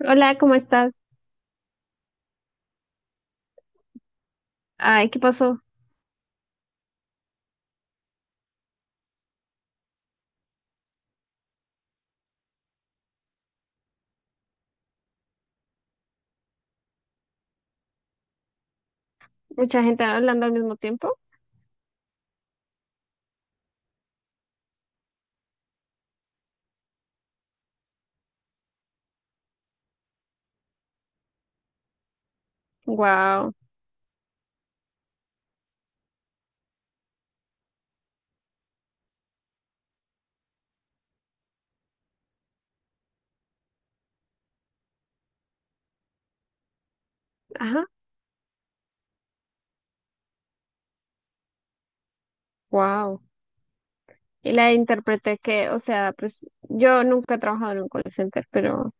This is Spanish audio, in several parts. Hola, ¿cómo estás? Ay, ¿qué pasó? Mucha gente hablando al mismo tiempo. Wow. Ajá, wow. Y la interpreté que, o sea, pues yo nunca he trabajado en un call center, pero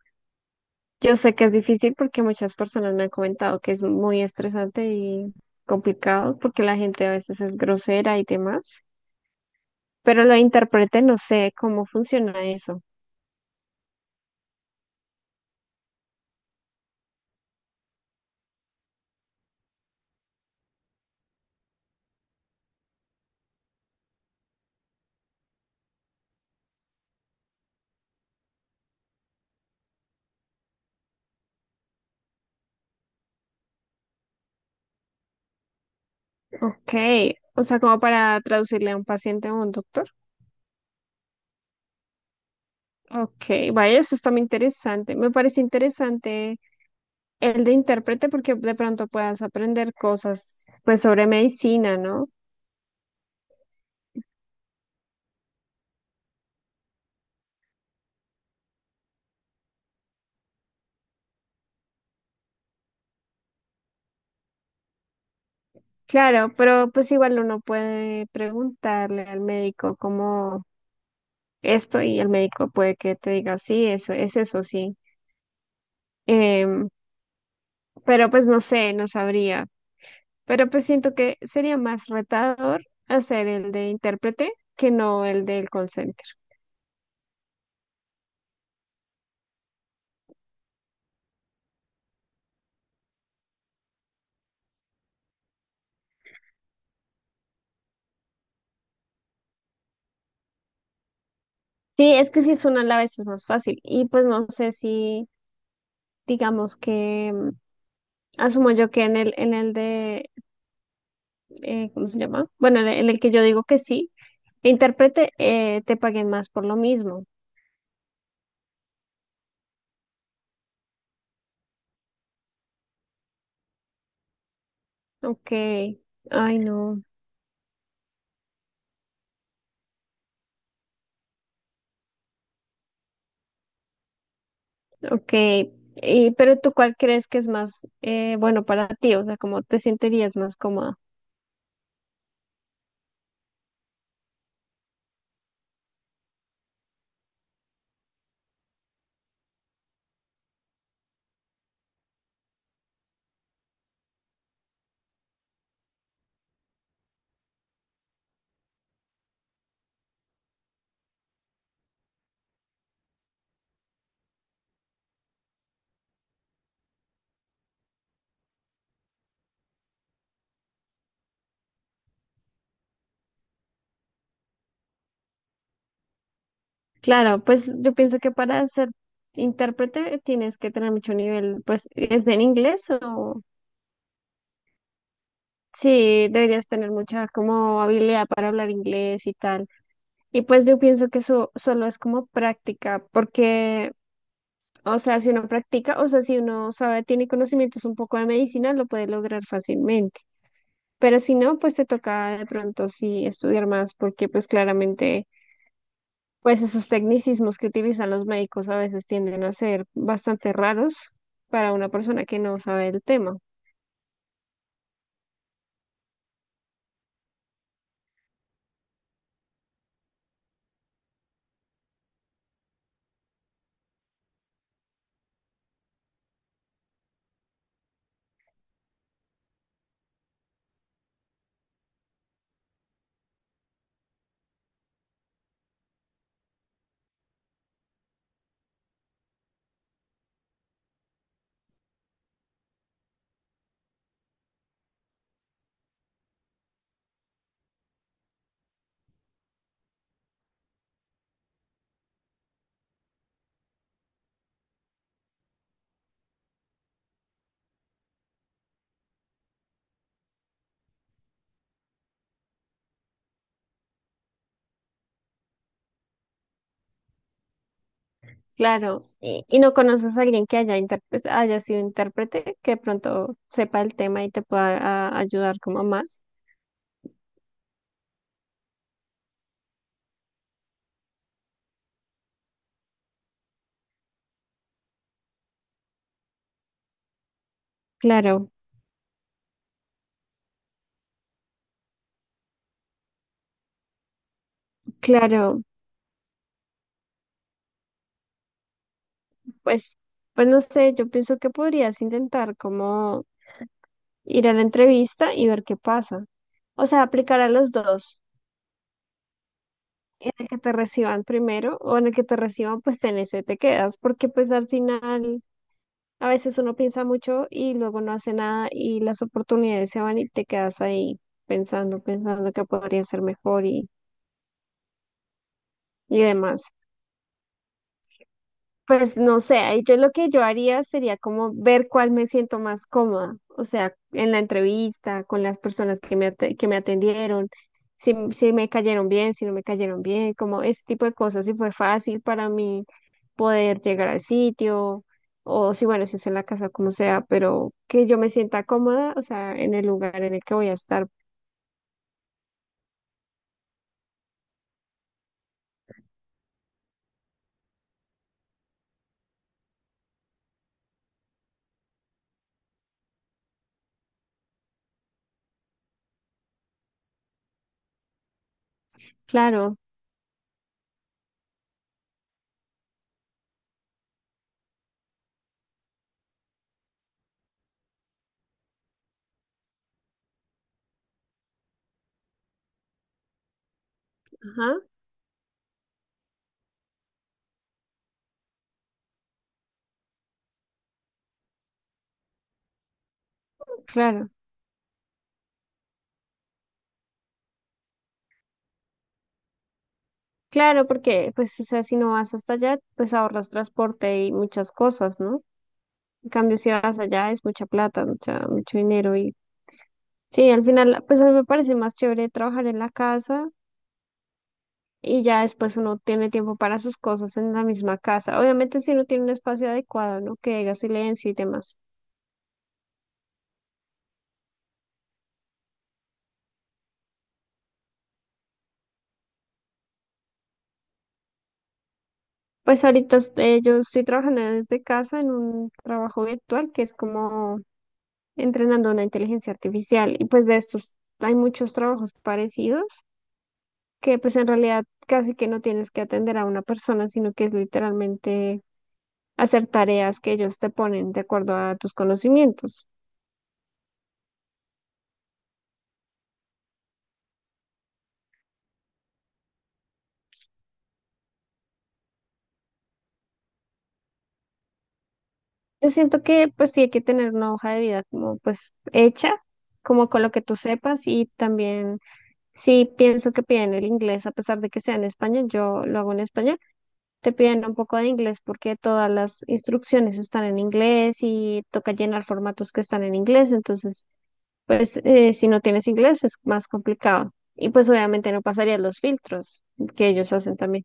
yo sé que es difícil porque muchas personas me han comentado que es muy estresante y complicado porque la gente a veces es grosera y demás. Pero lo interpreté, no sé cómo funciona eso. Ok, o sea, como para traducirle a un paciente o a un doctor. Ok, vaya, eso está muy interesante. Me parece interesante el de intérprete porque de pronto puedas aprender cosas, pues sobre medicina, ¿no? Claro, pero pues igual uno puede preguntarle al médico como esto y el médico puede que te diga, sí, eso es eso, sí. Em, pero pues no sé, no sabría. Pero pues siento que sería más retador hacer el de intérprete que no el del consent. Sí, es que sí es una a veces más fácil. Y pues no sé si, digamos que, asumo yo que en el de, ¿cómo se llama? Bueno, en el que yo digo que sí, intérprete, te paguen más por lo mismo. Ok, ay no, ok. Y, pero tú, ¿cuál crees que es más bueno para ti? O sea, ¿cómo te sentirías más cómoda? Claro, pues yo pienso que para ser intérprete tienes que tener mucho nivel, pues, ¿es en inglés o...? Sí, deberías tener mucha como habilidad para hablar inglés y tal. Y pues yo pienso que eso solo es como práctica, porque, o sea, si uno practica, o sea, si uno sabe, tiene conocimientos un poco de medicina, lo puede lograr fácilmente. Pero si no, pues te toca de pronto sí estudiar más, porque pues claramente, pues esos tecnicismos que utilizan los médicos a veces tienden a ser bastante raros para una persona que no sabe el tema. Claro, y no conoces a alguien que haya, pues, haya sido intérprete, que de pronto sepa el tema y te pueda ayudar como más. Claro, claro, pues, pues no sé, yo pienso que podrías intentar como ir a la entrevista y ver qué pasa. O sea, aplicar a los dos, en el que te reciban primero o en el que te reciban, pues en ese te quedas, porque pues al final a veces uno piensa mucho y luego no hace nada y las oportunidades se van y te quedas ahí pensando, pensando que podría ser mejor y demás. Pues no sé, ahí yo lo que yo haría sería como ver cuál me siento más cómoda, o sea, en la entrevista, con las personas que me, que me atendieron, si, si me cayeron bien, si no me cayeron bien, como ese tipo de cosas, si fue fácil para mí poder llegar al sitio, o si bueno, si es en la casa, como sea, pero que yo me sienta cómoda, o sea, en el lugar en el que voy a estar, claro, ajá, claro, claro, porque pues, o sea, si no vas hasta allá, pues ahorras transporte y muchas cosas, ¿no? En cambio, si vas allá es mucha plata, mucha, mucho dinero y sí, al final, pues a mí me parece más chévere trabajar en la casa y ya después uno tiene tiempo para sus cosas en la misma casa. Obviamente si uno tiene un espacio adecuado, ¿no? Que haga silencio y demás. Pues ahorita este, yo estoy trabajando desde casa en un trabajo virtual que es como entrenando una inteligencia artificial y pues de estos hay muchos trabajos parecidos que pues en realidad casi que no tienes que atender a una persona, sino que es literalmente hacer tareas que ellos te ponen de acuerdo a tus conocimientos. Yo siento que pues sí hay que tener una hoja de vida como pues hecha, como con lo que tú sepas y también sí pienso que piden el inglés a pesar de que sea en español, yo lo hago en español, te piden un poco de inglés porque todas las instrucciones están en inglés y toca llenar formatos que están en inglés, entonces pues si no tienes inglés es más complicado. Y pues obviamente no pasarías los filtros que ellos hacen también.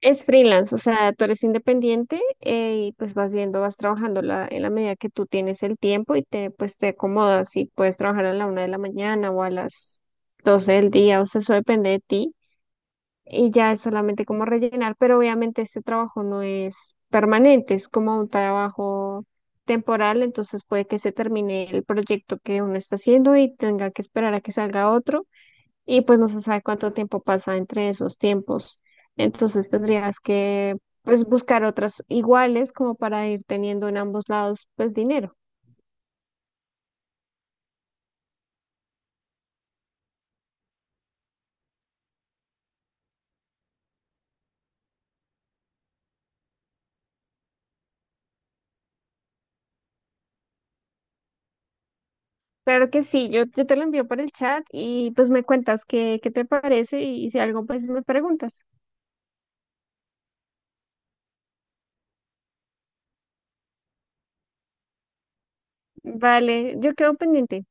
Es freelance, o sea, tú eres independiente y pues vas viendo, vas trabajando en la medida que tú tienes el tiempo y pues te acomodas y puedes trabajar a la 1 de la mañana o a las 12 del día, o sea, eso depende de ti y ya es solamente como rellenar, pero obviamente este trabajo no es permanente, es como un trabajo temporal, entonces puede que se termine el proyecto que uno está haciendo y tenga que esperar a que salga otro y pues no se sabe cuánto tiempo pasa entre esos tiempos. Entonces tendrías que pues buscar otras iguales como para ir teniendo en ambos lados pues dinero. Claro que sí, yo te lo envío por el chat y pues me cuentas qué te parece y, si algo pues me preguntas. Vale, yo quedo pendiente.